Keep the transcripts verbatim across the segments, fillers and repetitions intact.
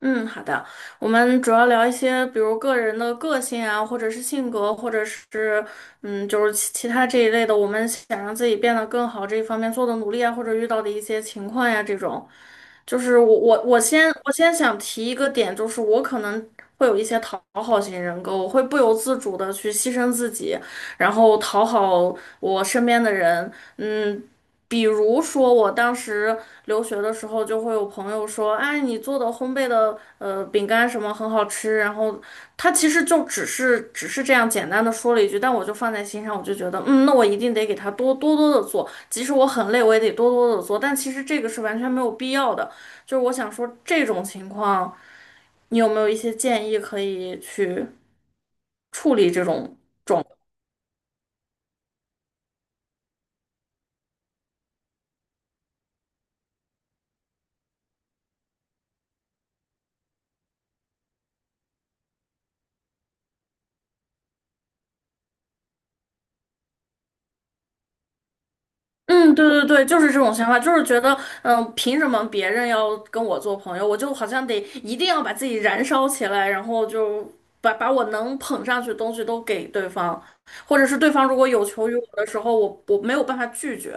嗯，好的。我们主要聊一些，比如个人的个性啊，或者是性格，或者是嗯，就是其其他这一类的，我们想让自己变得更好这一方面做的努力啊，或者遇到的一些情况呀，这种。就是我我我先我先想提一个点，就是我可能会有一些讨好型人格，我会不由自主的去牺牲自己，然后讨好我身边的人。嗯，比如说我当时留学的时候就会有朋友说，哎，你做的烘焙的呃饼干什么很好吃，然后他其实就只是只是这样简单的说了一句，但我就放在心上，我就觉得，嗯，那我一定得给他多多多的做，即使我很累，我也得多多的做，但其实这个是完全没有必要的，就是我想说这种情况，你有没有一些建议可以去处理这种？嗯，对对对，就是这种想法，就是觉得，嗯，凭什么别人要跟我做朋友，我就好像得一定要把自己燃烧起来，然后就把把我能捧上去的东西都给对方，或者是对方如果有求于我的时候，我我没有办法拒绝。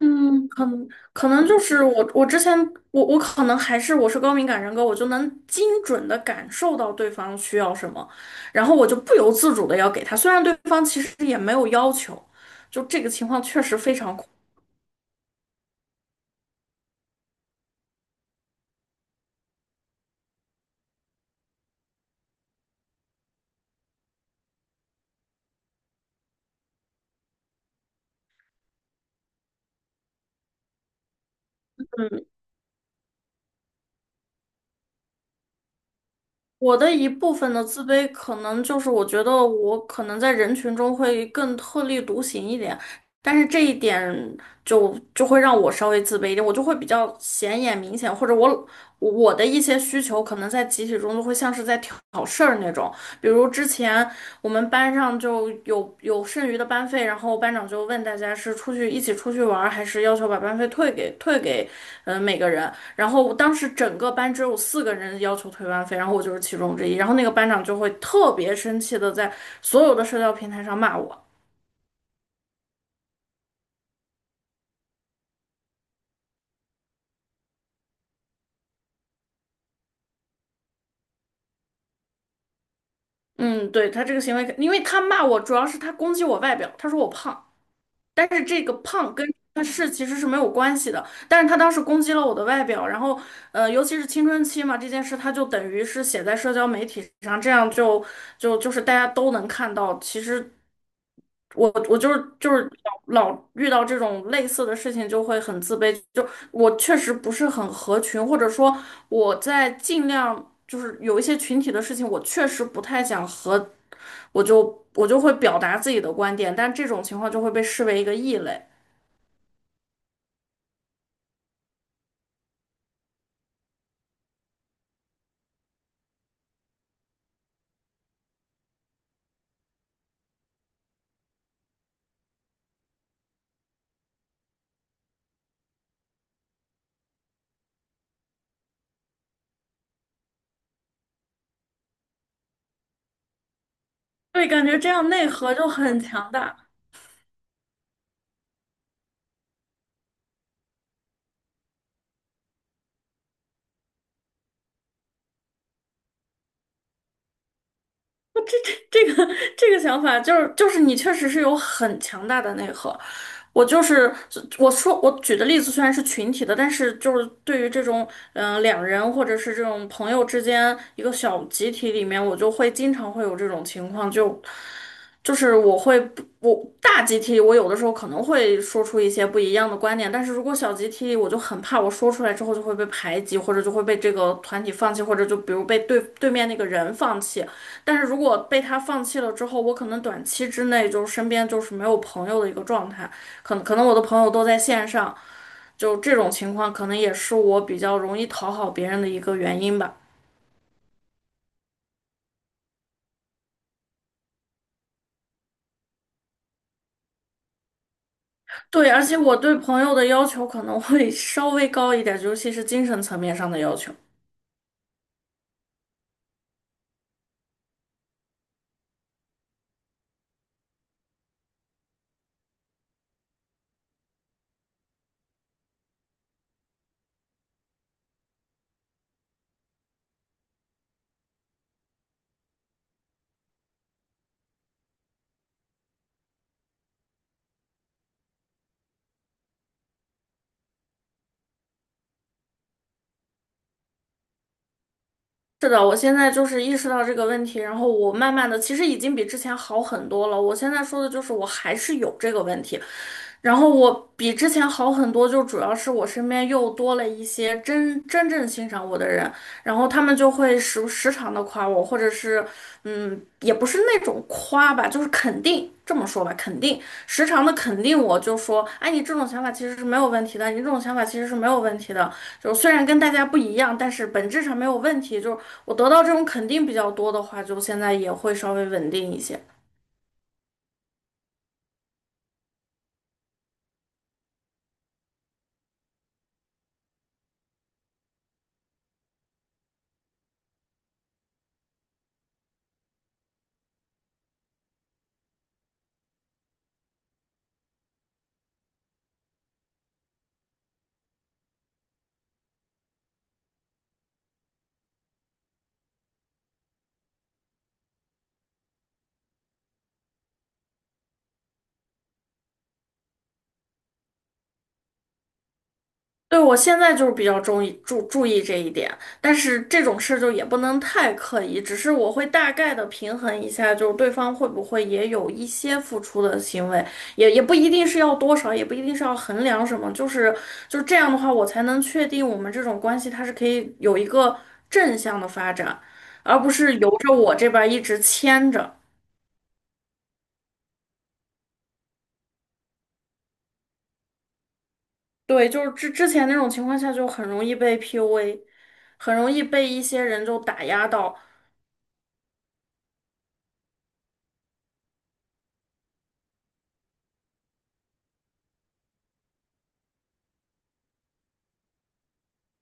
嗯，可能可能就是我，我之前我我可能还是我是高敏感人格，我就能精准的感受到对方需要什么，然后我就不由自主的要给他，虽然对方其实也没有要求，就这个情况确实非常。嗯，我的一部分的自卑，可能就是我觉得我可能在人群中会更特立独行一点，但是这一点就就会让我稍微自卑一点，我就会比较显眼明显，或者我我的一些需求可能在集体中就会像是在挑挑事儿那种，比如之前我们班上就有有剩余的班费，然后班长就问大家是出去一起出去玩儿还是要求把班费退给退给嗯、呃每个人。然后我当时整个班只有四个人要求退班费，然后我就是其中之一。然后那个班长就会特别生气的在所有的社交平台上骂我。嗯，对，他这个行为，因为他骂我主要是他攻击我外表，他说我胖。但是这个胖跟他是其实是没有关系的，但是他当时攻击了我的外表，然后呃，尤其是青春期嘛，这件事他就等于是写在社交媒体上，这样就就就是大家都能看到。其实我我就是就是老老遇到这种类似的事情就会很自卑，就我确实不是很合群，或者说我在尽量就是有一些群体的事情，我确实不太想和我就我就会表达自己的观点，但这种情况就会被视为一个异类。对，感觉这样内核就很强大。这个这个想法就是就是你确实是有很强大的内核。我就是我说我举的例子虽然是群体的，但是就是对于这种嗯、呃两人或者是这种朋友之间一个小集体里面，我就会经常会有这种情况，就就是我会不我大集体，我有的时候可能会说出一些不一样的观点，但是如果小集体，我就很怕我说出来之后就会被排挤，或者就会被这个团体放弃，或者就比如被对对面那个人放弃。但是如果被他放弃了之后，我可能短期之内就身边就是没有朋友的一个状态，可能可能我的朋友都在线上，就这种情况可能也是我比较容易讨好别人的一个原因吧。对，而且我对朋友的要求可能会稍微高一点，尤其是精神层面上的要求。是的，我现在就是意识到这个问题，然后我慢慢的，其实已经比之前好很多了。我现在说的就是我还是有这个问题，然后我比之前好很多，就主要是我身边又多了一些真真正欣赏我的人，然后他们就会时时常的夸我，或者是嗯，也不是那种夸吧，就是肯定，这么说吧，肯定，时常的肯定我，就说，哎，你这种想法其实是没有问题的，你这种想法其实是没有问题的，就虽然跟大家不一样，但是本质上没有问题。就是我得到这种肯定比较多的话，就现在也会稍微稳定一些。对，我现在就是比较注意注注意这一点，但是这种事就也不能太刻意，只是我会大概的平衡一下，就是对方会不会也有一些付出的行为，也也不一定是要多少，也不一定是要衡量什么，就是就是这样的话，我才能确定我们这种关系它是可以有一个正向的发展，而不是由着我这边儿一直牵着。对，就是之之前那种情况下就很容易被 P U A,很容易被一些人就打压到。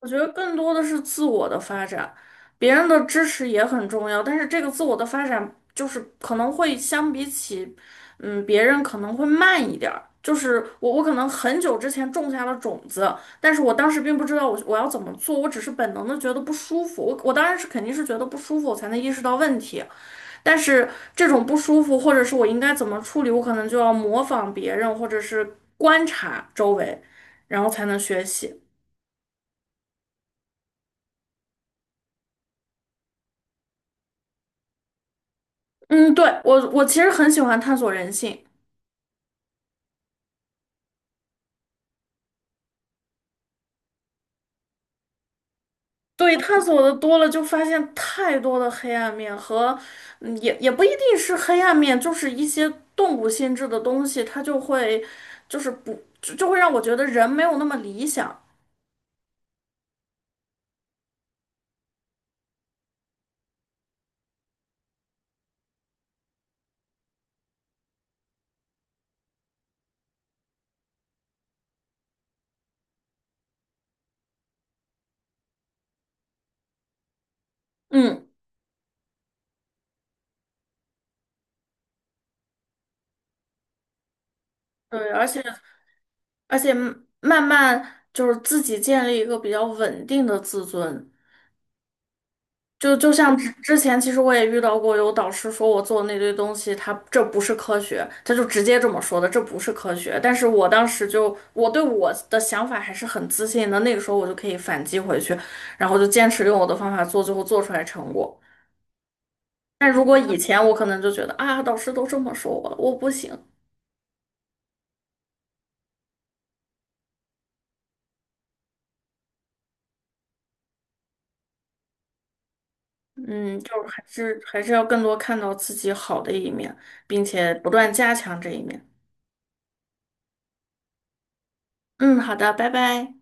我觉得更多的是自我的发展，别人的支持也很重要，但是这个自我的发展就是可能会相比起，嗯，别人可能会慢一点儿。就是我，我可能很久之前种下了种子，但是我当时并不知道我我要怎么做，我只是本能的觉得不舒服。我我当然是肯定是觉得不舒服，我才能意识到问题。但是这种不舒服，或者是我应该怎么处理，我可能就要模仿别人，或者是观察周围，然后才能学习。嗯，对，我我其实很喜欢探索人性，对，探索的多了就发现太多的黑暗面和，嗯也也不一定是黑暗面，就是一些动物性质的东西，它就会就是不就就会让我觉得人没有那么理想。嗯，对，而且而且慢慢就是自己建立一个比较稳定的自尊。就就像之之前，其实我也遇到过有导师说我做的那堆东西，他这不是科学，他就直接这么说的，这不是科学。但是我当时就我对我的想法还是很自信的，那个时候我就可以反击回去，然后就坚持用我的方法做，最后做出来成果。但如果以前我可能就觉得啊，导师都这么说我了，我不行。嗯，就是还是还是要更多看到自己好的一面，并且不断加强这一面。嗯，好的，拜拜。